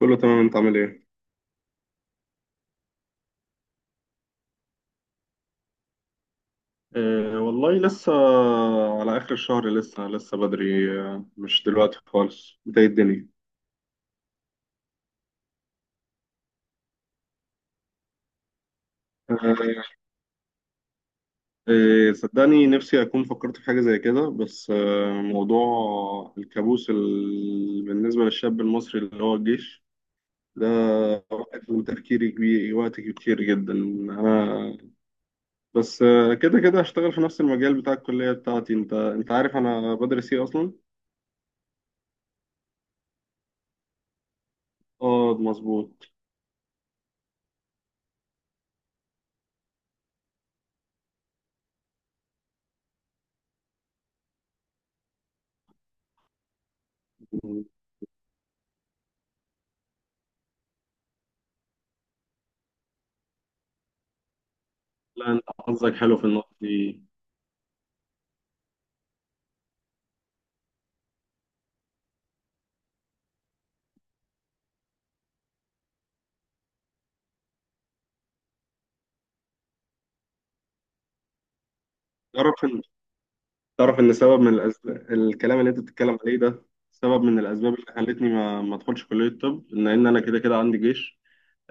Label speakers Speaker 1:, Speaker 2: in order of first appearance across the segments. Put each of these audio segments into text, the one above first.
Speaker 1: كله تمام انت عامل ايه؟ أه والله لسه على آخر الشهر لسه لسه بدري، مش دلوقتي خالص بداية الدنيا. أه، صدقني نفسي أكون فكرت في حاجة زي كده. بس موضوع الكابوس بالنسبة للشاب المصري اللي هو الجيش ده واخد من تفكيري كبير وقت كتير جدا. أنا بس كده كده هشتغل في نفس المجال بتاع الكلية بتاعتي. أنت عارف أنا بدرس إيه أصلا؟ اه مظبوط. لا انت حظك حلو في النقطة دي. تعرف ان تعرف ان سبب من الأسباب الكلام اللي انت بتتكلم عليه ده سبب من الاسباب اللي خلتني ما ادخلش كلية الطب، ان انا كده كده عندي جيش.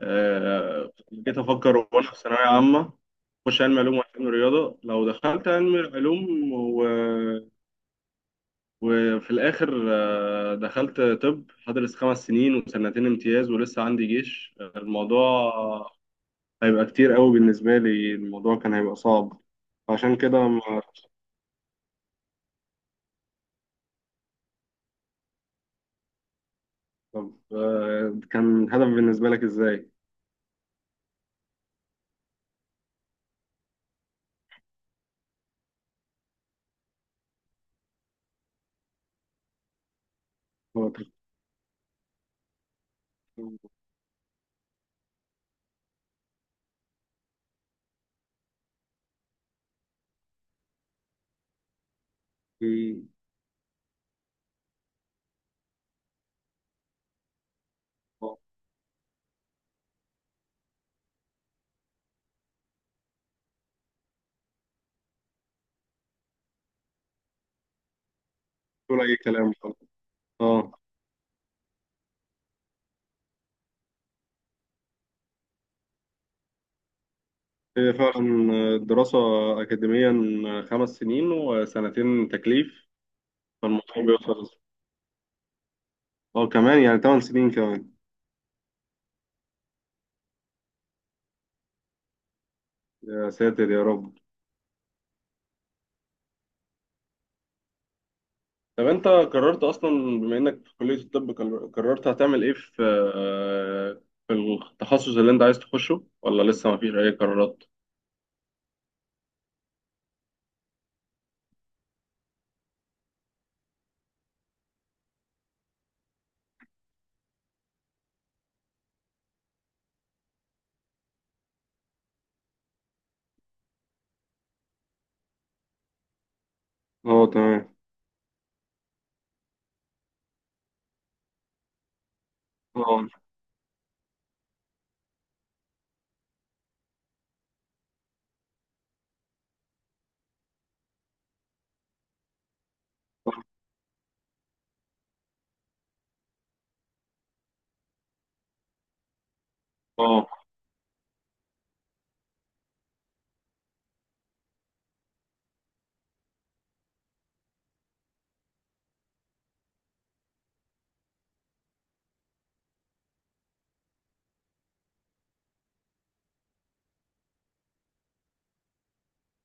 Speaker 1: جيت افكر وانا في ثانوية عامة اخش علم علوم وعلم رياضة. لو دخلت علم علوم وفي الاخر دخلت طب هدرس خمس سنين وسنتين امتياز ولسه عندي جيش. الموضوع هيبقى كتير قوي بالنسبة لي. الموضوع كان هيبقى صعب عشان كده. طب كان الهدف بالنسبة لك إزاي؟ هو تفكير في- هو طول أي كلام خلاص. أه، هي فعلا الدراسة أكاديميا خمس سنين وسنتين تكليف، فالموضوع بيوصل. أه كمان يعني تمن سنين كمان. يا ساتر يا رب. طب أنت قررت أصلا، بما إنك في كلية الطب، قررت هتعمل إيه في آه، في التخصص اللي أنت عايز تخشه ولا لسه مفيش أي قرارات؟ أه تمام. أه، أه،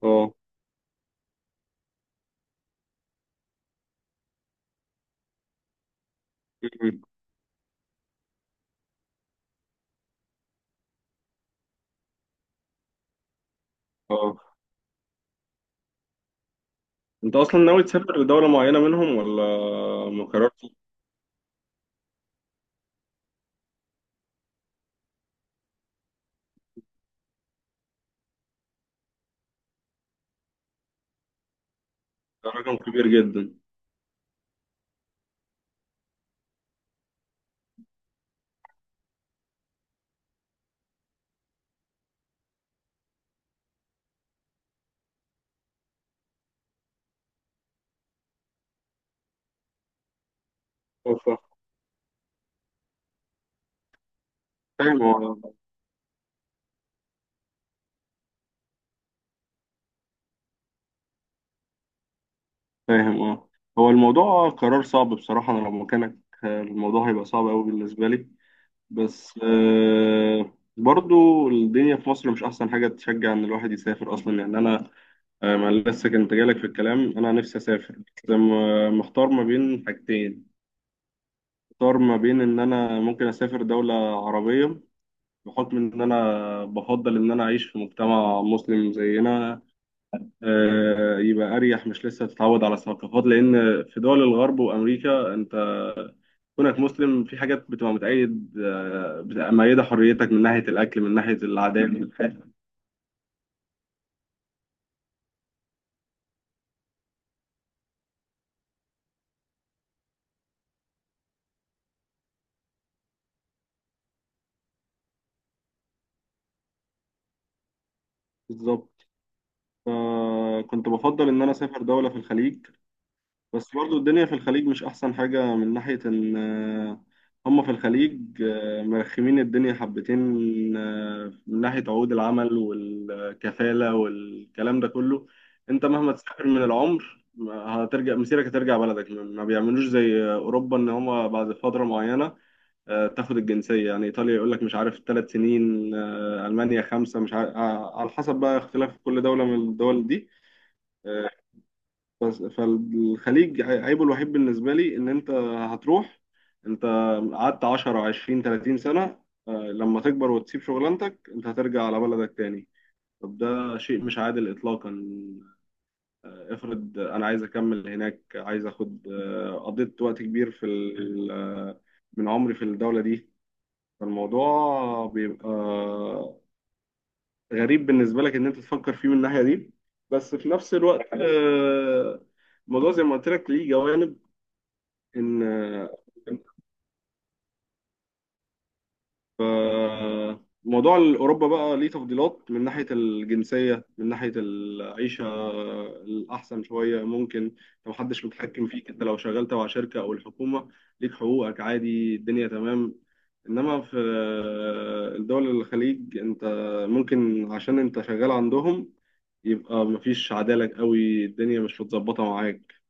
Speaker 1: أه. اه. انت اصلا ناوي تسافر لدولة معينة منهم ولا ما قررتش؟ ده رقم كبير جدا. أه، فاهم اه. فاهم اه. هو الموضوع قرار صعب بصراحة. انا لو مكانك الموضوع هيبقى صعب قوي بالنسبة لي. بس برضو الدنيا في مصر مش احسن حاجة تشجع ان الواحد يسافر اصلا. يعني انا ما لسه كنت جالك في الكلام. انا نفسي اسافر بس محتار ما بين حاجتين. محتار ما بين ان انا ممكن اسافر دولة عربية بحكم إن أنا بفضل إن أنا أعيش في مجتمع مسلم زينا. يبقى أريح، مش لسه تتعود على ثقافات، لأن في دول الغرب وأمريكا أنت كونك مسلم في حاجات بتبقى متأيد آه، بتبقى مأيدة حريتك، من ناحية الأكل، من ناحية العادات. بالظبط. فكنت بفضل إن أنا أسافر دولة في الخليج. بس برضو الدنيا في الخليج مش أحسن حاجة من ناحية إن هم في الخليج مرخمين الدنيا حبتين، من ناحية عقود العمل والكفالة والكلام ده كله. أنت مهما تسافر من العمر ما هترجع، مسيرك هترجع بلدك. ما بيعملوش زي أوروبا، إن هم بعد فترة معينة تاخد الجنسية. يعني إيطاليا يقول لك مش عارف ثلاث سنين، ألمانيا خمسة مش عارف، على حسب بقى اختلاف كل دولة من الدول دي. آه، بس فالخليج عيبه الوحيد بالنسبة لي إن أنت هتروح. أنت قعدت 10 20 30 سنة، لما تكبر وتسيب شغلانتك أنت هترجع على بلدك تاني. طب ده شيء مش عادل إطلاقا. افرض أنا عايز أكمل هناك، عايز أخد آه، قضيت وقت كبير في ال- آه، من عمري في الدولة دي. فالموضوع بيبقى غريب بالنسبة لك إن أنت تفكر فيه من الناحية دي. بس في نفس الوقت الموضوع زي ما قلت لك ليه جوانب. ان موضوع اوروبا بقى ليه تفضيلات من ناحيه الجنسيه، من ناحيه العيشه الاحسن شويه ممكن، لو محدش متحكم فيك، انت لو شغال تبع شركه او الحكومه ليك حقوقك، عادي الدنيا تمام. انما في الدول الخليج انت ممكن عشان انت شغال عندهم يبقى مفيش عدالة قوي، الدنيا مش متظبطة معاك.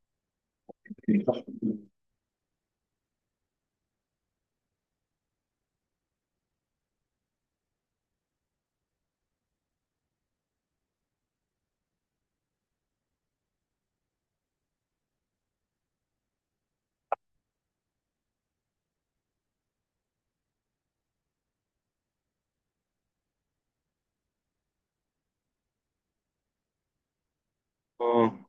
Speaker 1: اه.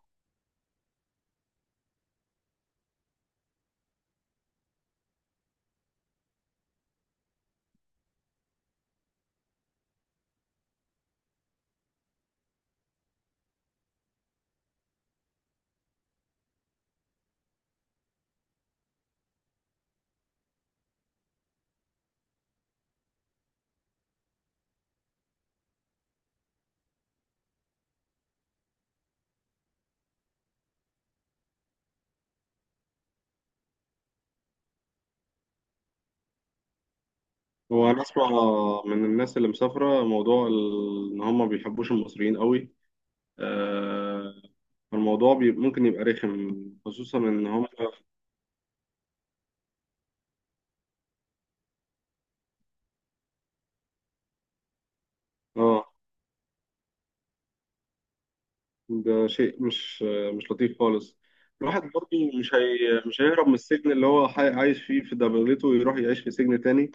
Speaker 1: هو انا اسمع من الناس اللي مسافره موضوع ان هم ما بيحبوش المصريين قوي. آه الموضوع ممكن يبقى رخم، خصوصا ان هم. اه، ده شيء مش لطيف خالص. الواحد برضه مش هيهرب من السجن اللي هو عايش فيه في دبلته ويروح يعيش في سجن تاني.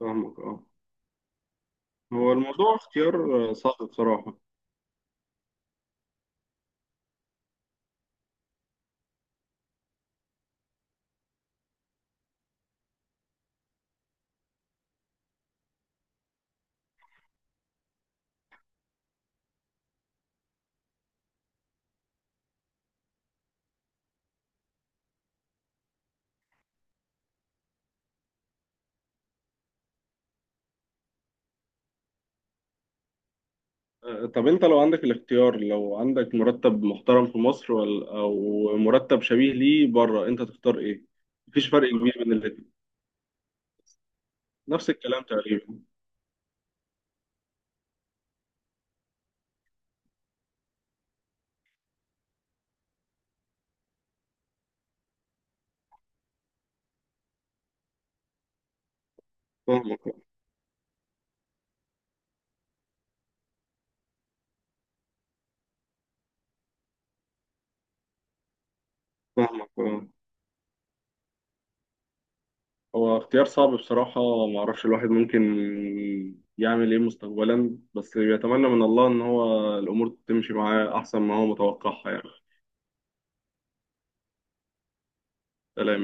Speaker 1: فاهمك اه. هو الموضوع اختيار صعب بصراحه. طب انت لو عندك الاختيار، لو عندك مرتب محترم في مصر او مرتب شبيه ليه بره انت تختار ايه؟ مفيش فرق كبير بين الاتنين. نفس الكلام تقريبا. فاهمك. فاهمك. هو اختيار صعب بصراحة. معرفش الواحد ممكن يعمل ايه مستقبلا، بس يتمنى من الله ان هو الامور تمشي معاه احسن ما هو متوقعها يعني. سلام.